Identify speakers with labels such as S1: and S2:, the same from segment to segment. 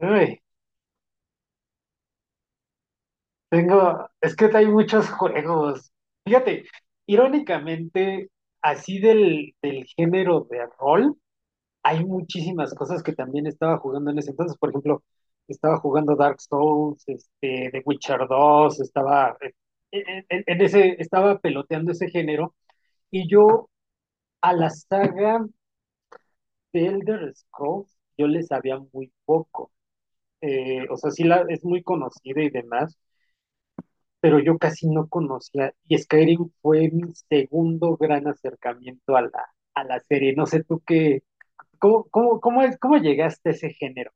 S1: Uy, tengo, es que hay muchos juegos. Fíjate, irónicamente, así del género de rol, hay muchísimas cosas que también estaba jugando en ese entonces. Por ejemplo, estaba jugando Dark Souls, The Witcher 2 estaba en ese, estaba peloteando ese género. Y yo a la saga de Elder Scrolls, yo le sabía muy poco. O sea, sí la, es muy conocida y demás, pero yo casi no conocía, y Skyrim fue mi segundo gran acercamiento a la serie. No sé tú qué, cómo, cómo, cómo, es- cómo llegaste a ese género.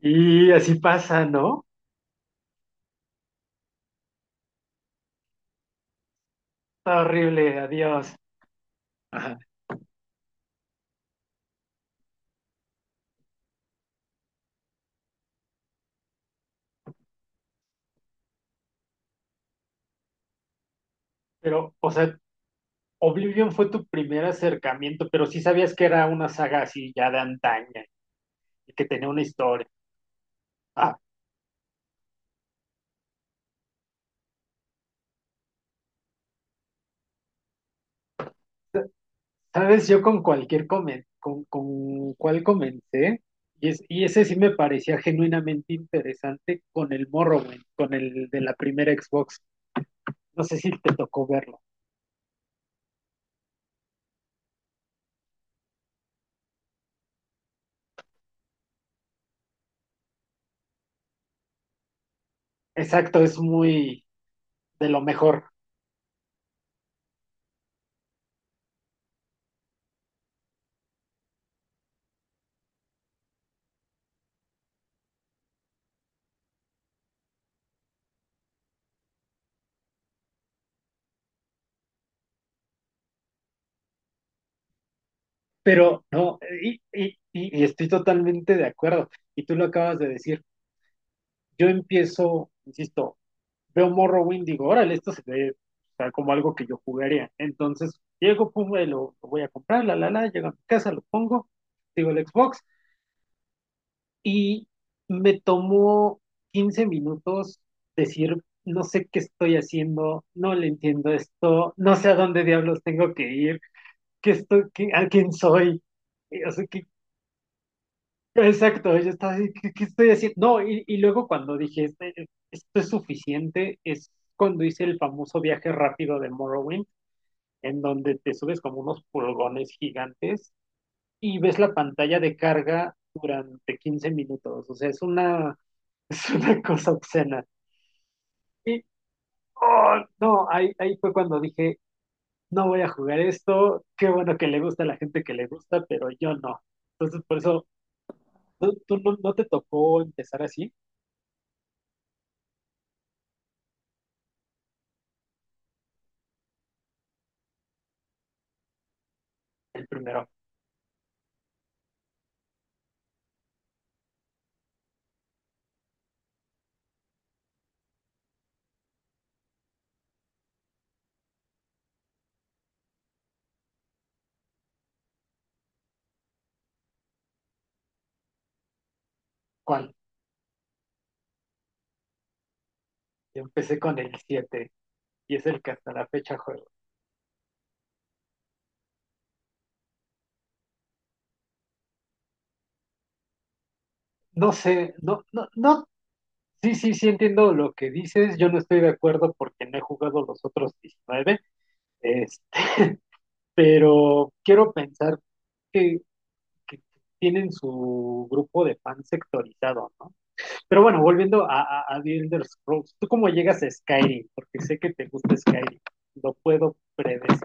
S1: Y así pasa, ¿no? Está horrible, adiós. Ajá. Pero, o sea, Oblivion fue tu primer acercamiento, pero sí sabías que era una saga así ya de antaña y que tenía una historia. Ah, ¿sabes? Yo con cualquier con cuál comencé, y ese sí me parecía genuinamente interesante con el Morrowind, con el de la primera Xbox. No sé si te tocó verlo. Exacto, es muy de lo mejor. Pero no, y estoy totalmente de acuerdo. Y tú lo acabas de decir. Yo empiezo, insisto, veo Morrowind, digo, órale, esto se ve, o sea, como algo que yo jugaría. Entonces, llego, pum, lo voy a comprar, llego a mi casa, lo pongo, digo el Xbox, y me tomó 15 minutos decir: no sé qué estoy haciendo, no le entiendo esto, no sé a dónde diablos tengo que ir, a quién soy, o sea, exacto, yo estaba. ¿Qué estoy haciendo? No, y luego cuando dije: "Esto es suficiente", es cuando hice el famoso viaje rápido de Morrowind, en donde te subes como unos pulgones gigantes y ves la pantalla de carga durante 15 minutos. O sea, es una cosa obscena. Y oh, no, ahí fue cuando dije: no voy a jugar esto, qué bueno que le gusta a la gente que le gusta, pero yo no. Entonces, por eso, ¿tú no te tocó empezar así el primero? ¿Cuál? Yo empecé con el 7 y es el que hasta la fecha juego. No sé, no, no, no, sí, sí, sí, entiendo lo que dices. Yo no estoy de acuerdo porque no he jugado los otros 19, este, pero quiero pensar que, que tienen su grupo de fans sectorizado, ¿no? Pero bueno, volviendo a The Elder Scrolls, ¿tú cómo llegas a Skyrim? Porque sé que te gusta Skyrim, lo puedo predecir,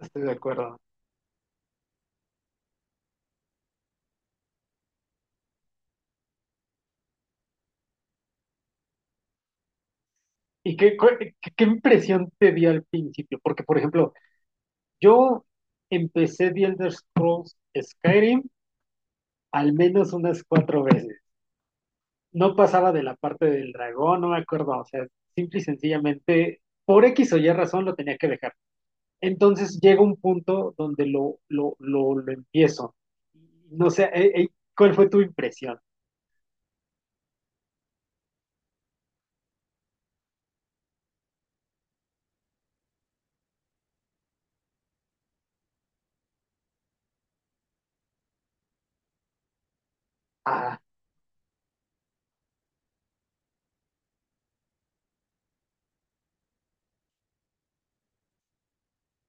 S1: no estoy de acuerdo. ¿Y qué impresión te dio al principio? Porque, por ejemplo, yo empecé The Elder Scrolls Skyrim al menos unas cuatro veces. No pasaba de la parte del dragón, no me acuerdo, o sea, simple y sencillamente, por X o Y razón lo tenía que dejar. Entonces llega un punto donde lo empiezo. No sé, ¿cuál fue tu impresión? Ah,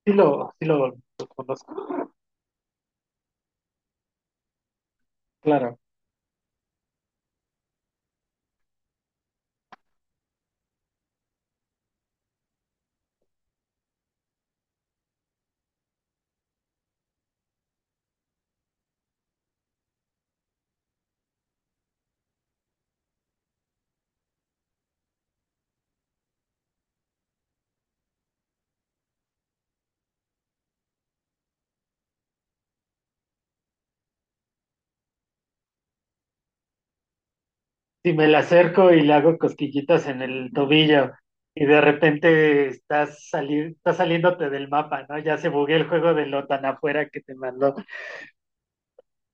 S1: sí, lo conozco. Claro. Si me la acerco y le hago cosquillitas en el tobillo y de repente estás saliéndote del mapa, ¿no? Ya se buguea el juego de lo tan afuera que te mandó.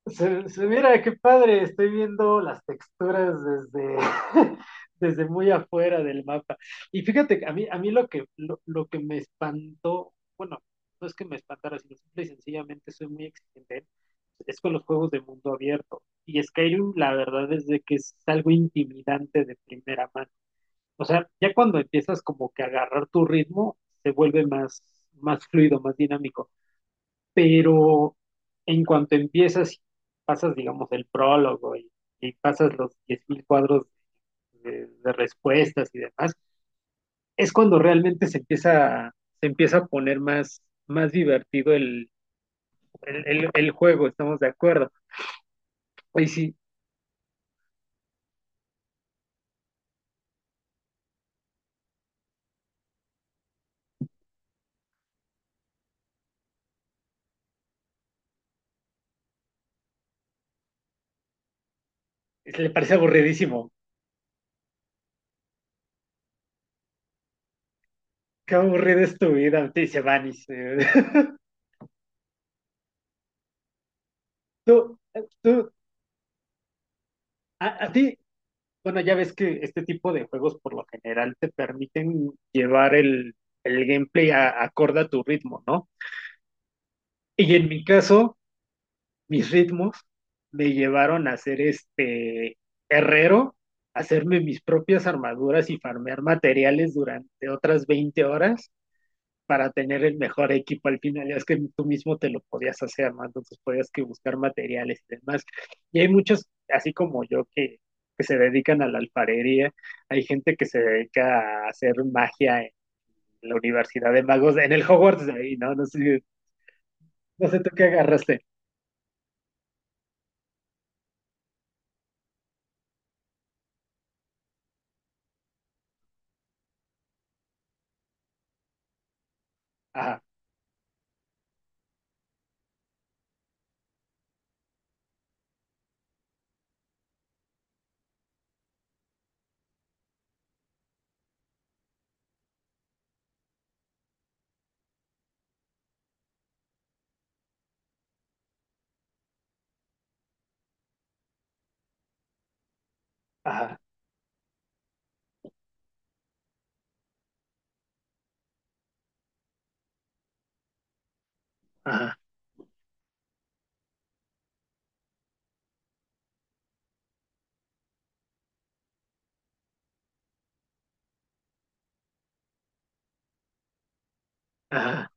S1: Mira, qué padre, estoy viendo las texturas desde, desde muy afuera del mapa. Y fíjate que a mí lo que me espantó, bueno, no es que me espantara, sino simple y sencillamente soy muy exigente, es con los juegos de mundo abierto. Y Skyrim, la verdad es de que es algo intimidante de primera mano. O sea, ya cuando empiezas como que a agarrar tu ritmo, se vuelve más fluido, más dinámico, pero en cuanto empiezas, y pasas, digamos, el prólogo y pasas los 10.000 cuadros de respuestas y demás, es cuando realmente se empieza a poner más divertido el juego, estamos de acuerdo. Oye, sí, le parece aburridísimo. Qué aburrida es tu vida, te dice Vanis. Tú, tú, a ti, Bueno, ya ves que este tipo de juegos por lo general te permiten llevar el gameplay acorde a tu ritmo, ¿no? Y en mi caso, mis ritmos me llevaron a ser herrero, hacerme mis propias armaduras y farmear materiales durante otras 20 horas para tener el mejor equipo al final. Es que tú mismo te lo podías hacer, ¿no? Entonces podías que buscar materiales y demás. Y hay muchos, así como yo, que se dedican a la alfarería. Hay gente que se dedica a hacer magia en la Universidad de Magos, en el Hogwarts ahí, ¿no? No sé, tú qué agarraste. Ajá, ajá, ajá, ajá.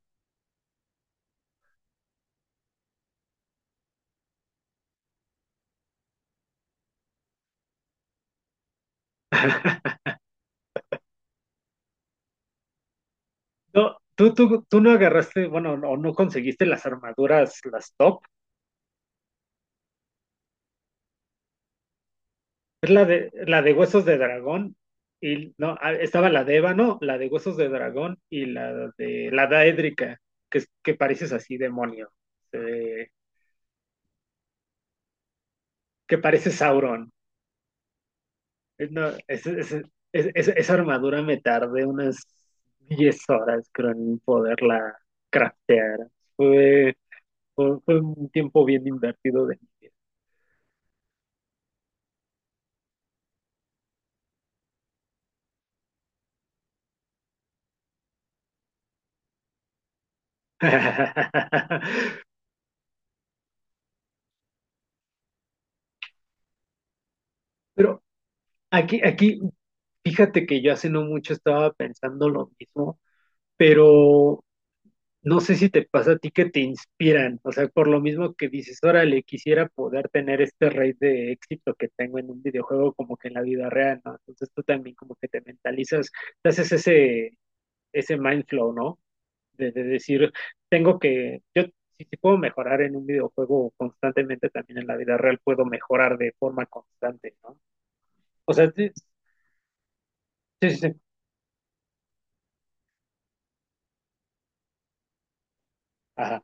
S1: No, tú no agarraste, bueno, o no conseguiste las armaduras, las top. Es la de Huesos de Dragón. Y no, estaba la de Ébano, la de Huesos de Dragón y la de la Daédrica, que pareces así demonio, eh, que pareces Sauron. No, esa armadura me tardé unas 10 horas, creo, en poderla craftear. Fue, fue un tiempo bien invertido de mi vida. Pero aquí, aquí, fíjate que yo hace no mucho estaba pensando lo mismo, pero no sé si te pasa a ti que te inspiran, o sea, por lo mismo que dices, órale, quisiera poder tener este rate de éxito que tengo en un videojuego como que en la vida real, ¿no? Entonces tú también como que te mentalizas, te haces ese mind flow, ¿no? De decir, yo, si puedo mejorar en un videojuego constantemente, también en la vida real puedo mejorar de forma constante, ¿no? O sea, sí, sí, sí. Ajá.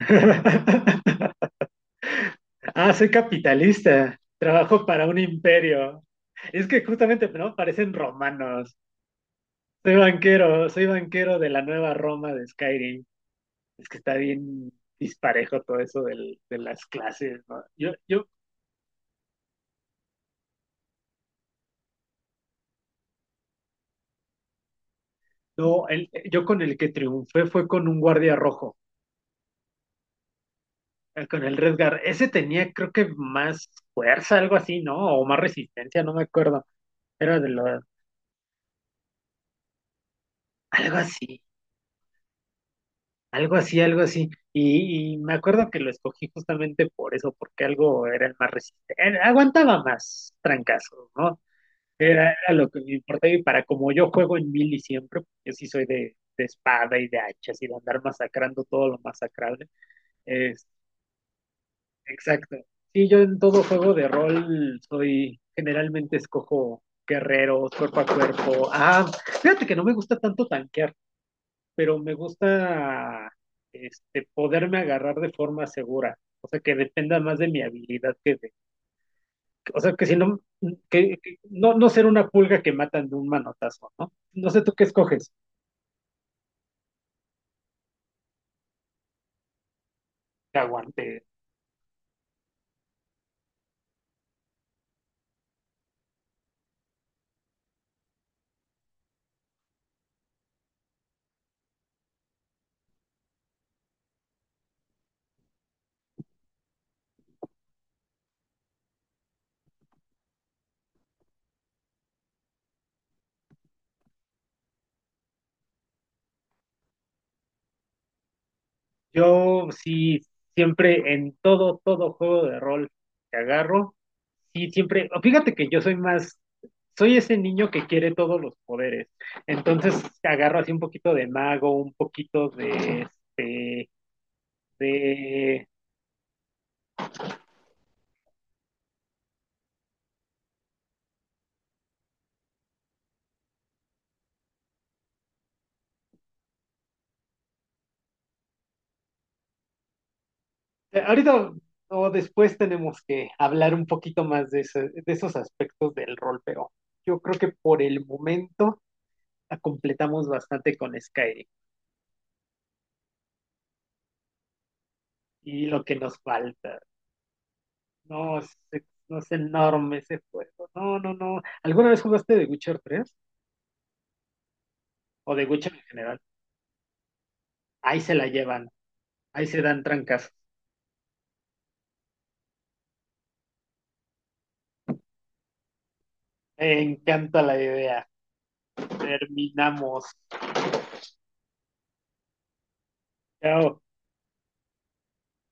S1: Ah, soy capitalista, trabajo para un imperio. Es que justamente, ¿no? Parecen romanos. Soy banquero de la nueva Roma de Skyrim. Es que está bien disparejo todo eso del- de las clases, ¿no? No, yo con el que triunfé fue con un guardia rojo, con el Redgar. Ese tenía, creo que más fuerza, algo así, ¿no? O más resistencia, no me acuerdo. Era de lo, Algo así. Algo así, algo así. Y me acuerdo que lo escogí justamente por eso, porque algo era el más resistente, aguantaba más trancazos, ¿no? Era lo que me importaba, y para como yo juego en mili siempre, yo sí soy de espada y de hachas y de andar masacrando todo lo masacrable. Es, exacto. Sí, yo en todo juego de rol soy, generalmente escojo guerreros, cuerpo a cuerpo. Ah, fíjate que no me gusta tanto tanquear, pero me gusta, poderme agarrar de forma segura, o sea, que dependa más de mi habilidad que o sea, que si no, que no ser una pulga que matan de un manotazo, ¿no? No sé tú qué escoges, que aguante. Yo sí, siempre en todo juego de rol que agarro, sí, siempre, o fíjate que yo soy ese niño que quiere todos los poderes, entonces agarro así un poquito de mago, un poquito este, de. Ahorita o después tenemos que hablar un poquito más de esos aspectos del rol, pero yo creo que por el momento la completamos bastante con Skyrim y lo que nos falta. No, no es enorme ese juego. No, no, no. ¿Alguna vez jugaste The Witcher 3, o The Witcher en general? Ahí se la llevan, ahí se dan trancas. Me encanta la idea. Terminamos. Chao.